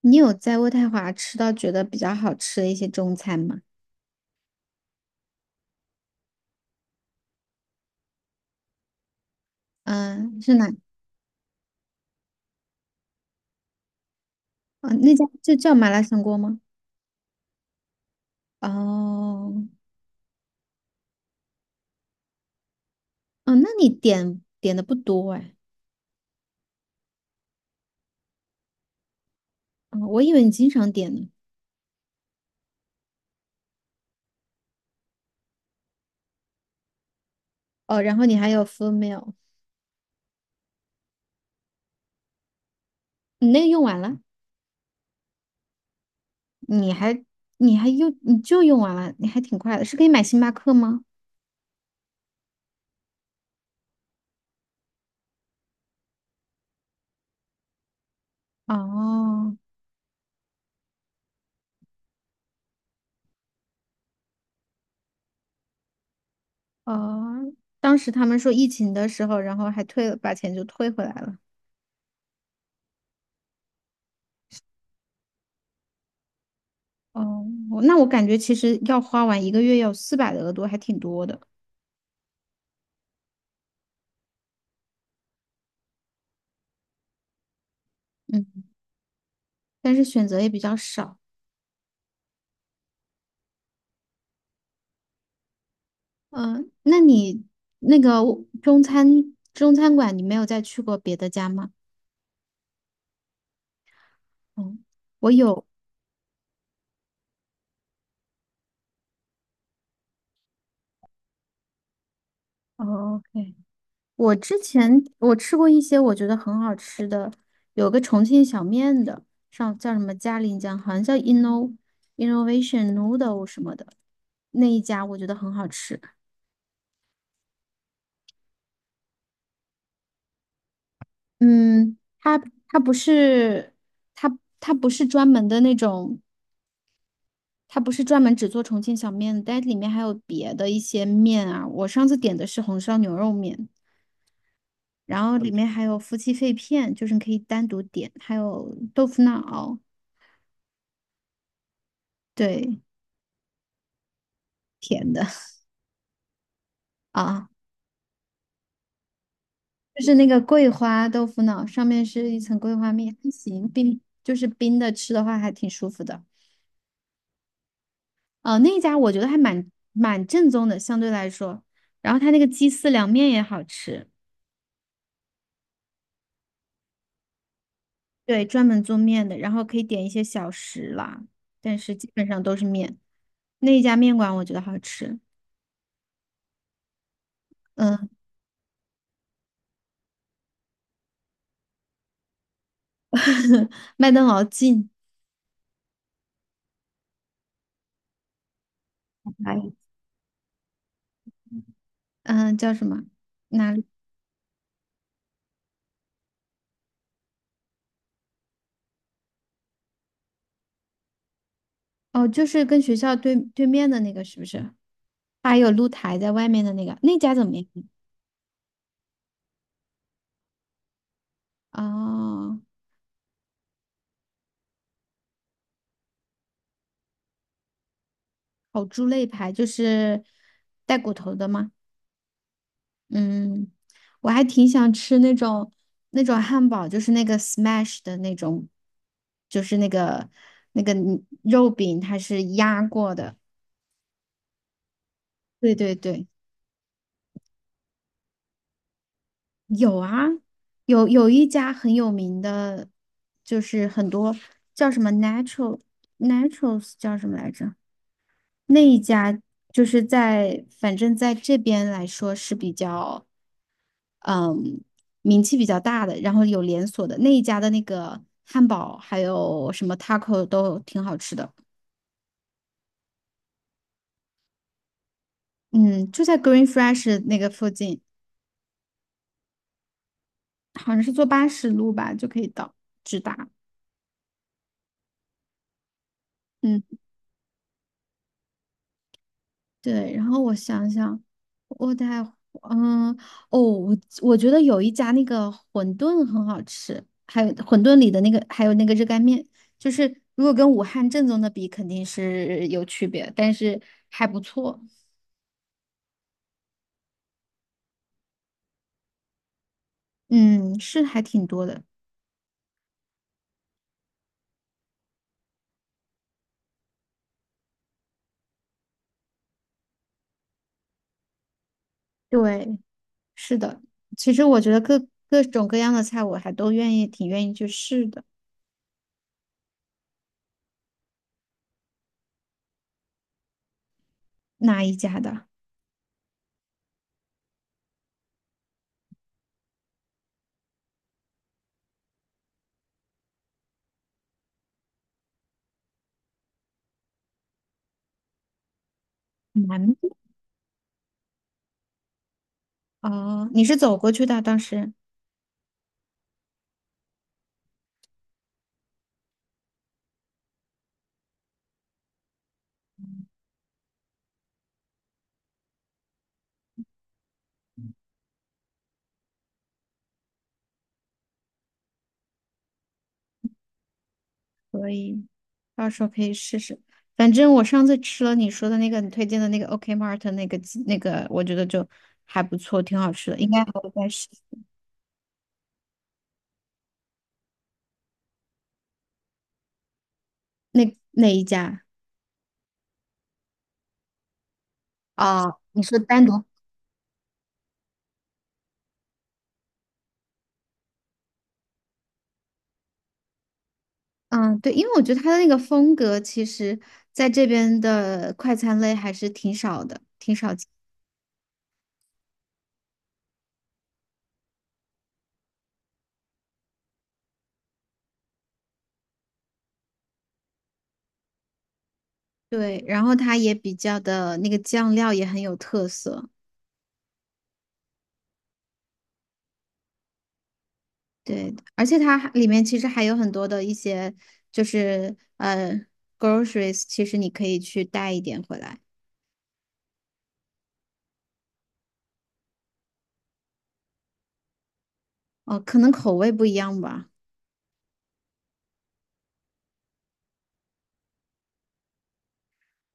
你有在渥太华吃到觉得比较好吃的一些中餐吗？嗯，是哪？啊，那家就叫麻辣香锅吗？哦。哦，那你点的不多哎。哦，我以为你经常点呢。哦，然后你还有 full meal。你那个用完了？你还你用完了，你还挺快的，是可以买星巴克吗？哦。哦，当时他们说疫情的时候，然后还退了，把钱就退回来了。哦，我那我感觉其实要花完一个月要400的额度，还挺多的。嗯，但是选择也比较少。嗯，那你那个中餐馆，你没有再去过别的家吗？嗯，我有。哦，OK。我之前我吃过一些我觉得很好吃的，有个重庆小面的，上叫什么嘉陵江，好像叫 Innovation Noodle 什么的，那一家我觉得很好吃。嗯，它不是它不是专门的那种，它不是专门只做重庆小面的，但里面还有别的一些面啊。我上次点的是红烧牛肉面，然后里面还有夫妻肺片，就是你可以单独点，还有豆腐脑。对，甜的。 啊，就是那个桂花豆腐脑，上面是一层桂花面，还行，冰就是冰的，吃的话还挺舒服的。哦，那一家我觉得还蛮正宗的，相对来说。然后他那个鸡丝凉面也好吃。对，专门做面的，然后可以点一些小食啦，但是基本上都是面。那一家面馆我觉得好吃。嗯。麦当劳近。哎，嗯，叫什么？哪里？哦，就是跟学校对面的那个，是不是？它还有露台在外面的那个，那家怎么样？哦，烤猪肋排就是带骨头的吗？嗯，我还挺想吃那种汉堡，就是那个 smash 的那种，就是那个肉饼它是压过的。对对对。有啊，有一家很有名的，就是很多叫什么 naturals 叫什么来着？那一家就是在反正在这边来说是比较。嗯，名气比较大的，然后有连锁的那一家的那个汉堡，还有什么 taco 都挺好吃的。嗯，就在 Green Fresh 那个附近，好像是坐80路吧就可以到，直达。嗯，对。然后我想想，我在嗯哦，我觉得有一家那个馄饨很好吃，还有馄饨里的那个，还有那个热干面。就是如果跟武汉正宗的比，肯定是有区别，但是还不错。嗯，是还挺多的。对，是的。其实我觉得各种各样的菜，我还都愿意，挺愿意去试的。哪一家的？南哦，你是走过去的，当时嗯到时候可以试试。反正我上次吃了你说的那个，你推荐的那个 OK Mart 那个鸡那个，我觉得就还不错，挺好吃的，应该还会再试。那一家啊，哦你说单独？嗯，对，因为我觉得它的那个风格，其实在这边的快餐类还是挺少的。对，然后它也比较的那个酱料也很有特色。对，而且它还里面其实还有很多的一些就是groceries，其实你可以去带一点回来。哦，可能口味不一样吧。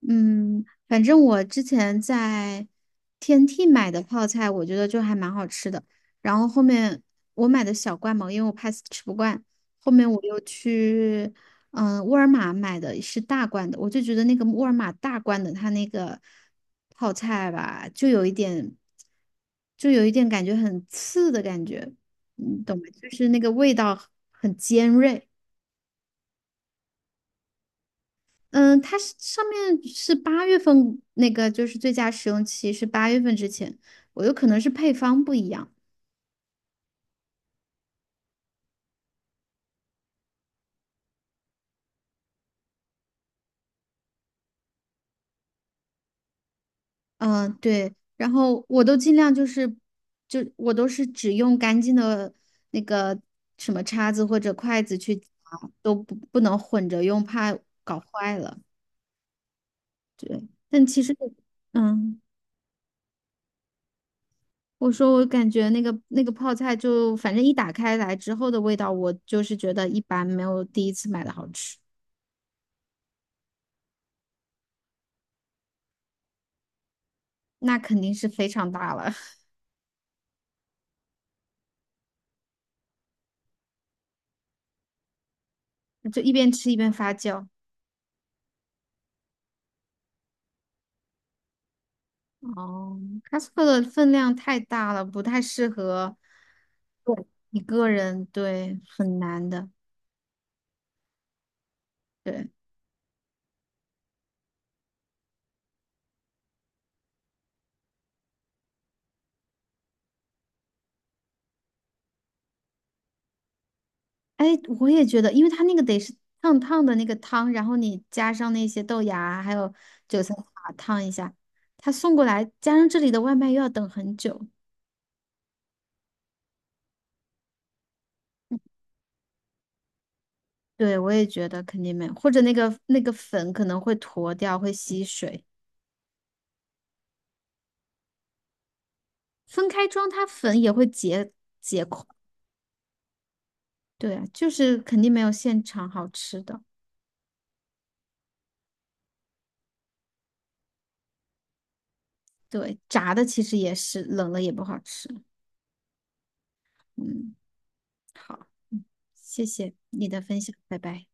嗯，反正我之前在天梯买的泡菜，我觉得就还蛮好吃的。然后后面我买的小罐嘛，因为我怕吃不惯，后面我又去沃尔玛买的是大罐的，我就觉得那个沃尔玛大罐的它那个泡菜吧，就有一点感觉很刺的感觉，你懂吗？就是那个味道很尖锐。嗯，它是上面是八月份那个，就是最佳使用期是八月份之前，我有可能是配方不一样。嗯，对，然后我都尽量就是，就我都是只用干净的那个什么叉子或者筷子去夹，都不不能混着用，怕搞坏了。对，但其实，嗯，我说我感觉那个泡菜就反正一打开来之后的味道，我就是觉得一般，没有第一次买的好吃。那肯定是非常大了。就一边吃一边发酵。哦 Costco 的分量太大了，不太适合对一个人，对，很难的。对。哎，我也觉得，因为它那个得是烫烫的那个汤，然后你加上那些豆芽啊还有韭菜花烫一下，它送过来，加上这里的外卖又要等很久。对，我也觉得肯定没有，或者那个粉可能会坨掉，会吸水。分开装，它粉也会结。对啊，就是肯定没有现场好吃的。对，炸的其实也是，冷了也不好吃。嗯，好，嗯，谢谢你的分享，拜拜。